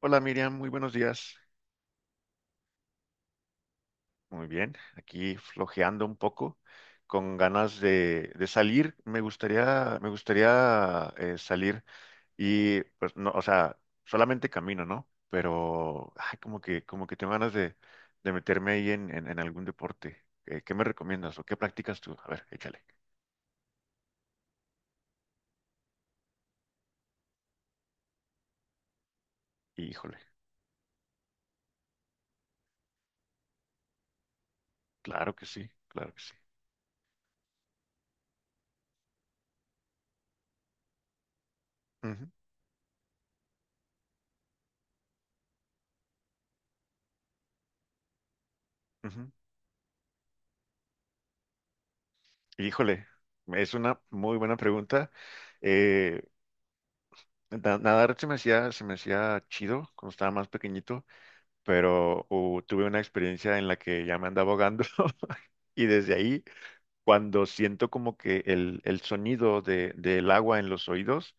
Hola Miriam, muy buenos días. Muy bien, aquí flojeando un poco, con ganas de salir. Me gustaría salir y pues no, o sea, solamente camino, ¿no? Pero ay, como que tengo ganas de meterme ahí en algún deporte. ¿qué me recomiendas o qué practicas tú? A ver, échale. Híjole, claro que sí, claro que sí. Ujú, ujú. Híjole, es una muy buena pregunta. Eh, Nadar se me hacía chido cuando estaba más pequeñito, pero tuve una experiencia en la que ya me andaba ahogando y desde ahí, cuando siento como que el sonido del agua en los oídos,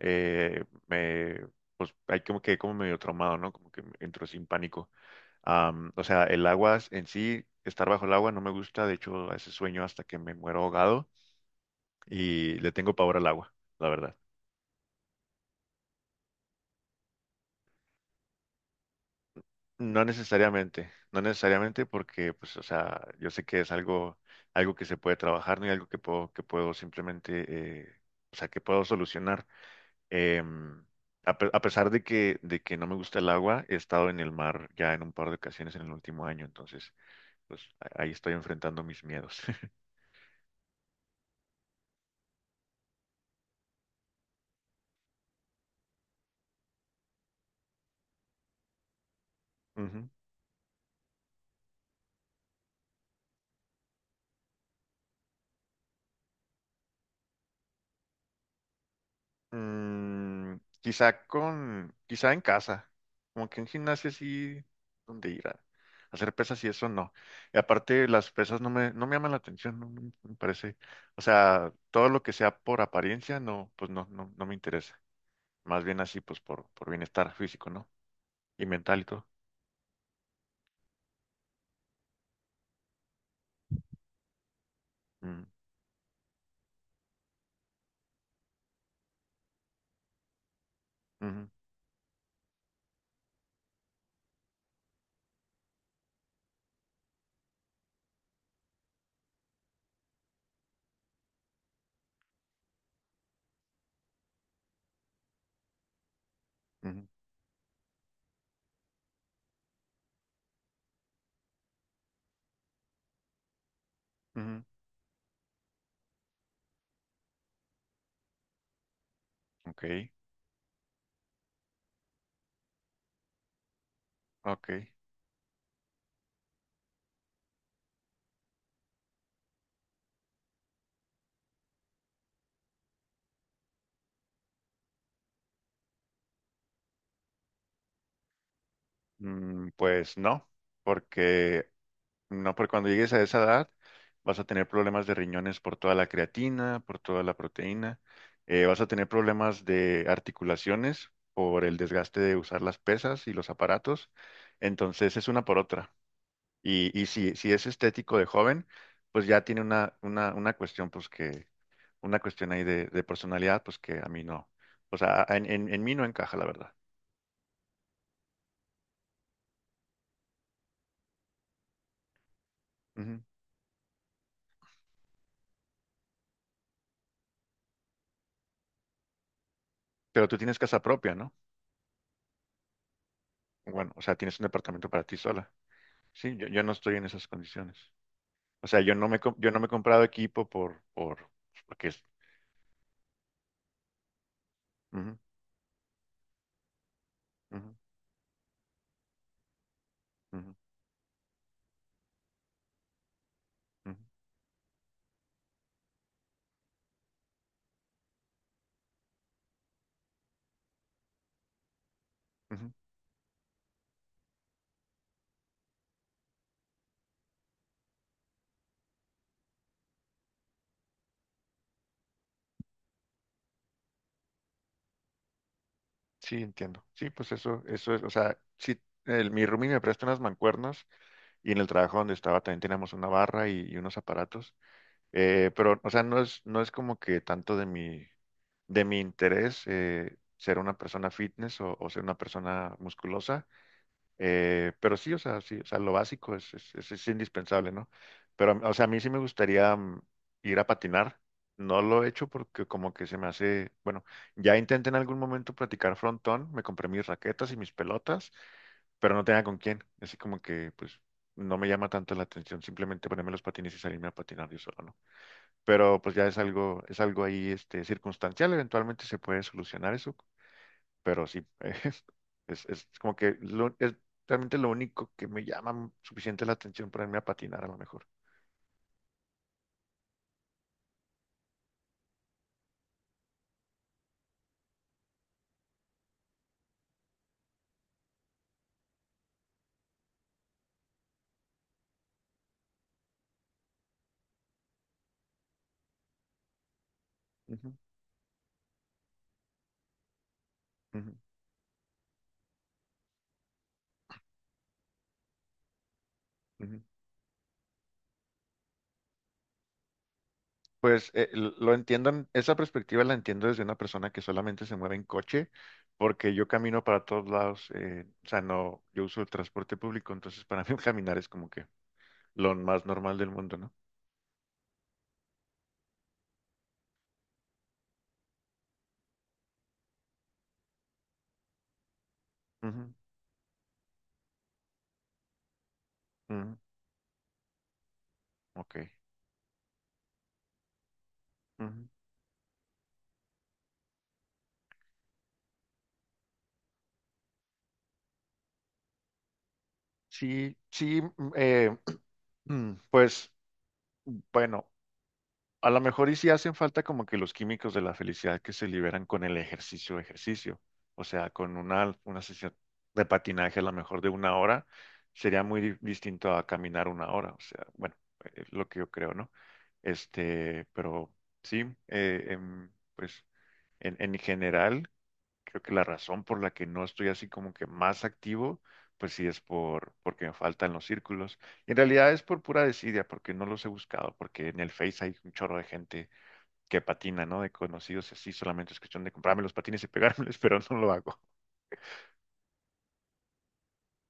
eh, me, pues hay como que como medio traumado, ¿no? Como que me entro sin pánico. O sea, el agua en sí, estar bajo el agua no me gusta, de hecho, a ese sueño hasta que me muero ahogado y le tengo pavor al agua, la verdad. No necesariamente, no necesariamente porque, pues, o sea, yo sé que es algo, algo que se puede trabajar, no y algo que puedo simplemente, o sea, que puedo solucionar. Em, a pesar de que no me gusta el agua, he estado en el mar ya en un par de ocasiones en el último año, entonces, pues, ahí estoy enfrentando mis miedos. Ujú. Mm, quizá en casa, como que en gimnasio sí, donde ir a hacer pesas y eso no. Y aparte las pesas no me llaman la atención, no, no me parece. O sea, todo lo que sea por apariencia, no, pues no, no, no me interesa. Más bien así, pues por bienestar físico, ¿no? Y mental y todo. Mm, ujú, ujú, ujú. Ok, ok. Mm, pues no, porque No, porque cuando llegues a esa edad vas a tener problemas de riñones por toda la creatina, por toda la proteína, vas a tener problemas de articulaciones por el desgaste de usar las pesas y los aparatos. Entonces es una por otra. Y si es estético de joven, pues ya tiene una cuestión, una cuestión ahí de personalidad, pues que a mí no. O sea, en mí no encaja, la verdad. Ujú. Pero tú tienes casa propia, ¿no? Bueno, o sea, tienes un departamento para ti sola. Sí, yo no estoy en esas condiciones. O sea, yo no me he comprado equipo porque es. Ujú, ujú, ujú, ujú, ujú. Sí, entiendo. Sí, pues eso es, o sea, sí, el, mi roomie me presta unas mancuernas y en el trabajo donde estaba también teníamos una barra y unos aparatos. Pero, o sea, no es como que tanto de mi interés ser una persona fitness o ser una persona musculosa. Pero sí, o sea, lo básico es indispensable, ¿no? Pero, o sea, a mí sí me gustaría mm, ir a patinar. No lo he hecho porque como que se me hace, bueno, ya intenté en algún momento practicar frontón, me compré mis raquetas y mis pelotas, pero no tenía con quién. Así como que, pues, no me llama tanto la atención simplemente ponerme los patines y salirme a patinar yo solo, ¿no? Pero pues ya es algo ahí, este, circunstancial, eventualmente se puede solucionar eso pero sí, es, es realmente lo único que me llama suficiente la atención para irme a patinar a lo mejor. Ujú, ujú, ujú. Pues lo entiendo, esa perspectiva la entiendo desde una persona que solamente se mueve en coche, porque yo camino para todos lados, o sea, no, yo uso el transporte público, entonces para mí caminar es como que lo más normal del mundo, ¿no? Ujú, ujú, ok. Ujú. Sí, sí, mm, pues bueno. A lo mejor y sí hacen falta como que los químicos de la felicidad que se liberan con el ejercicio. O sea, con una sesión de patinaje a lo mejor de una hora sería muy distinto a caminar una hora. O sea, bueno, es lo que yo creo, ¿no? Este, pero sí, eh, em, pues en general, creo que la razón por la que no estoy así como que más activo, pues sí es por, porque me faltan los círculos. Y en realidad es por pura desidia, porque no los he buscado, porque en el Face hay un chorro de gente que patina, ¿no? De conocidos así, solamente es cuestión de comprarme los patines y pegármelos, pero no lo hago.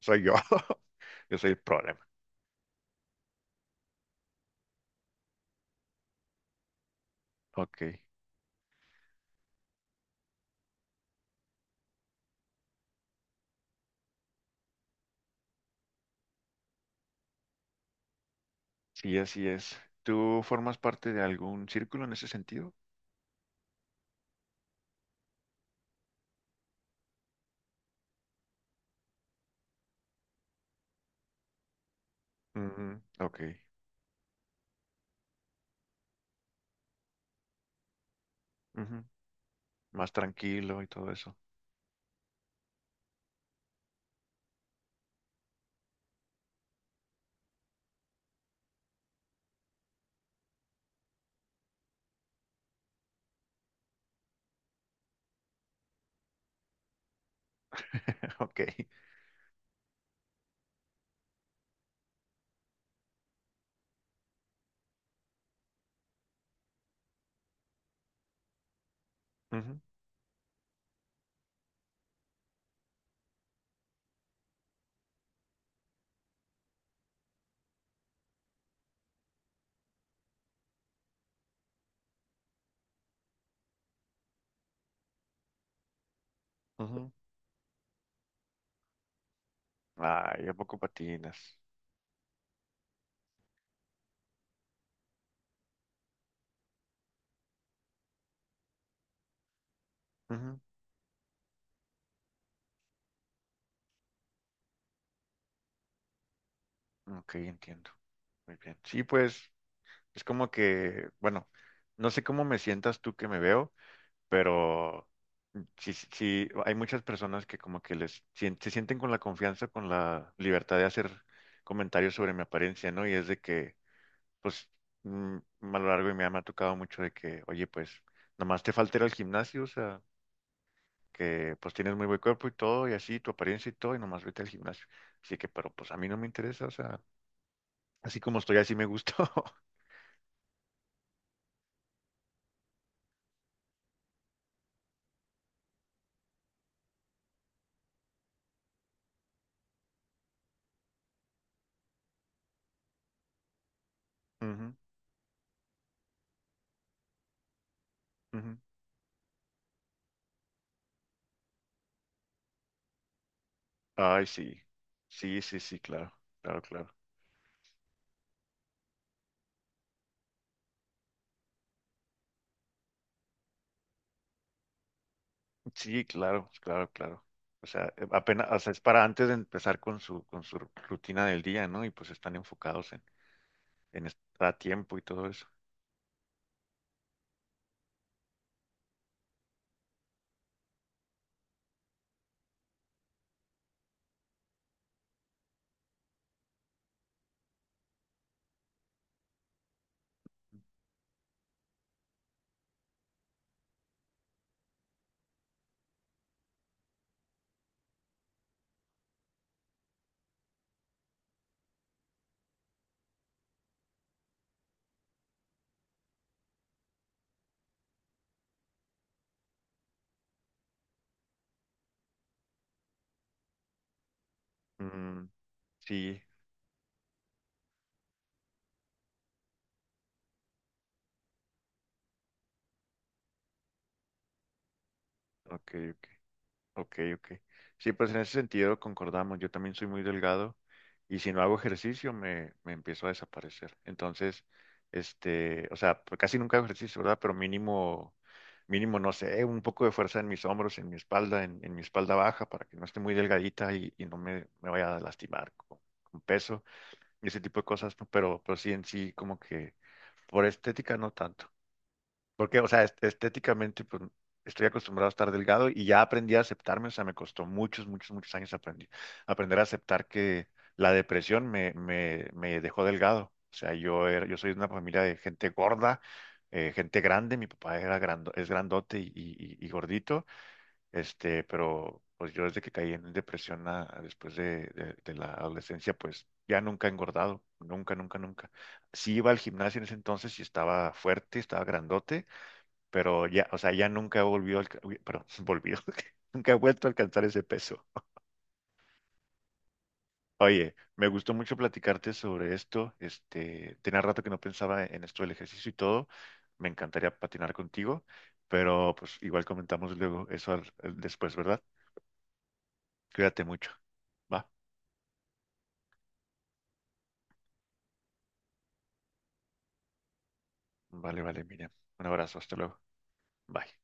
Soy yo. Yo soy el problema. Ok. Sí, así es. ¿Tú formas parte de algún círculo en ese sentido? Ujú, ok. Ujú. Más tranquilo y todo eso. Ok. Ujú, ujú. Ay, ¿a poco patinas? Ujú. Ok, entiendo. Muy bien. Sí, pues es como que, bueno, no sé cómo me sientas tú que me veo, pero sí, sí, sí, hay muchas personas que como que se sienten con la confianza, con la libertad de hacer comentarios sobre mi apariencia, ¿no? Y es de que, pues, mm, a lo largo de mi vida me ha tocado mucho de que, oye, pues, nomás te falta ir al gimnasio, o sea, que pues tienes muy buen cuerpo y todo, y así, tu apariencia y todo, y nomás vete al gimnasio. Así que, pero pues a mí no me interesa, o sea, así como estoy, así me gusto. Ujú, ujú. Ay, sí, sí, sí, sí, claro, claro, claro. Sí, claro, claro, claro. O sea, apenas, o sea, es para antes de empezar con con su rutina del día, ¿no? Y pues están enfocados en estar a tiempo y todo eso. Mm, sí, ok, ok, ok. Sí, pues en ese sentido concordamos. Yo también soy muy delgado y si no hago ejercicio me empiezo a desaparecer. Entonces, este, o sea, pues casi nunca hago ejercicio, ¿verdad? Pero mínimo, mínimo, no sé, un poco de fuerza en mis hombros, en mi espalda, en mi espalda baja para que no esté muy delgadita y no me vaya a lastimar con peso y ese tipo de cosas, ¿no? Pero sí en sí como que por estética no tanto. Porque, o sea, estéticamente, pues, estoy acostumbrado a estar delgado y ya aprendí a aceptarme, o sea, me costó muchos, muchos, muchos años aprender a aceptar que la depresión me dejó delgado. O sea, yo era, yo soy de una familia de gente gorda, gente grande, mi papá era es grandote y gordito, este, pero pues yo desde que caí en depresión a después de de la adolescencia, pues ya nunca he engordado, nunca, nunca, nunca. Sí iba al gimnasio en ese entonces y estaba fuerte, estaba grandote pero ya, o sea, ya nunca volvió, al, pero volvió, nunca ha vuelto a alcanzar ese peso. Oye, me gustó mucho platicarte sobre esto. Este, tenía rato que no pensaba en esto del ejercicio y todo. Me encantaría patinar contigo, pero pues igual comentamos luego eso después, ¿verdad? Cuídate mucho. Va, vale, vale, Miriam. Un abrazo, hasta luego. Bye.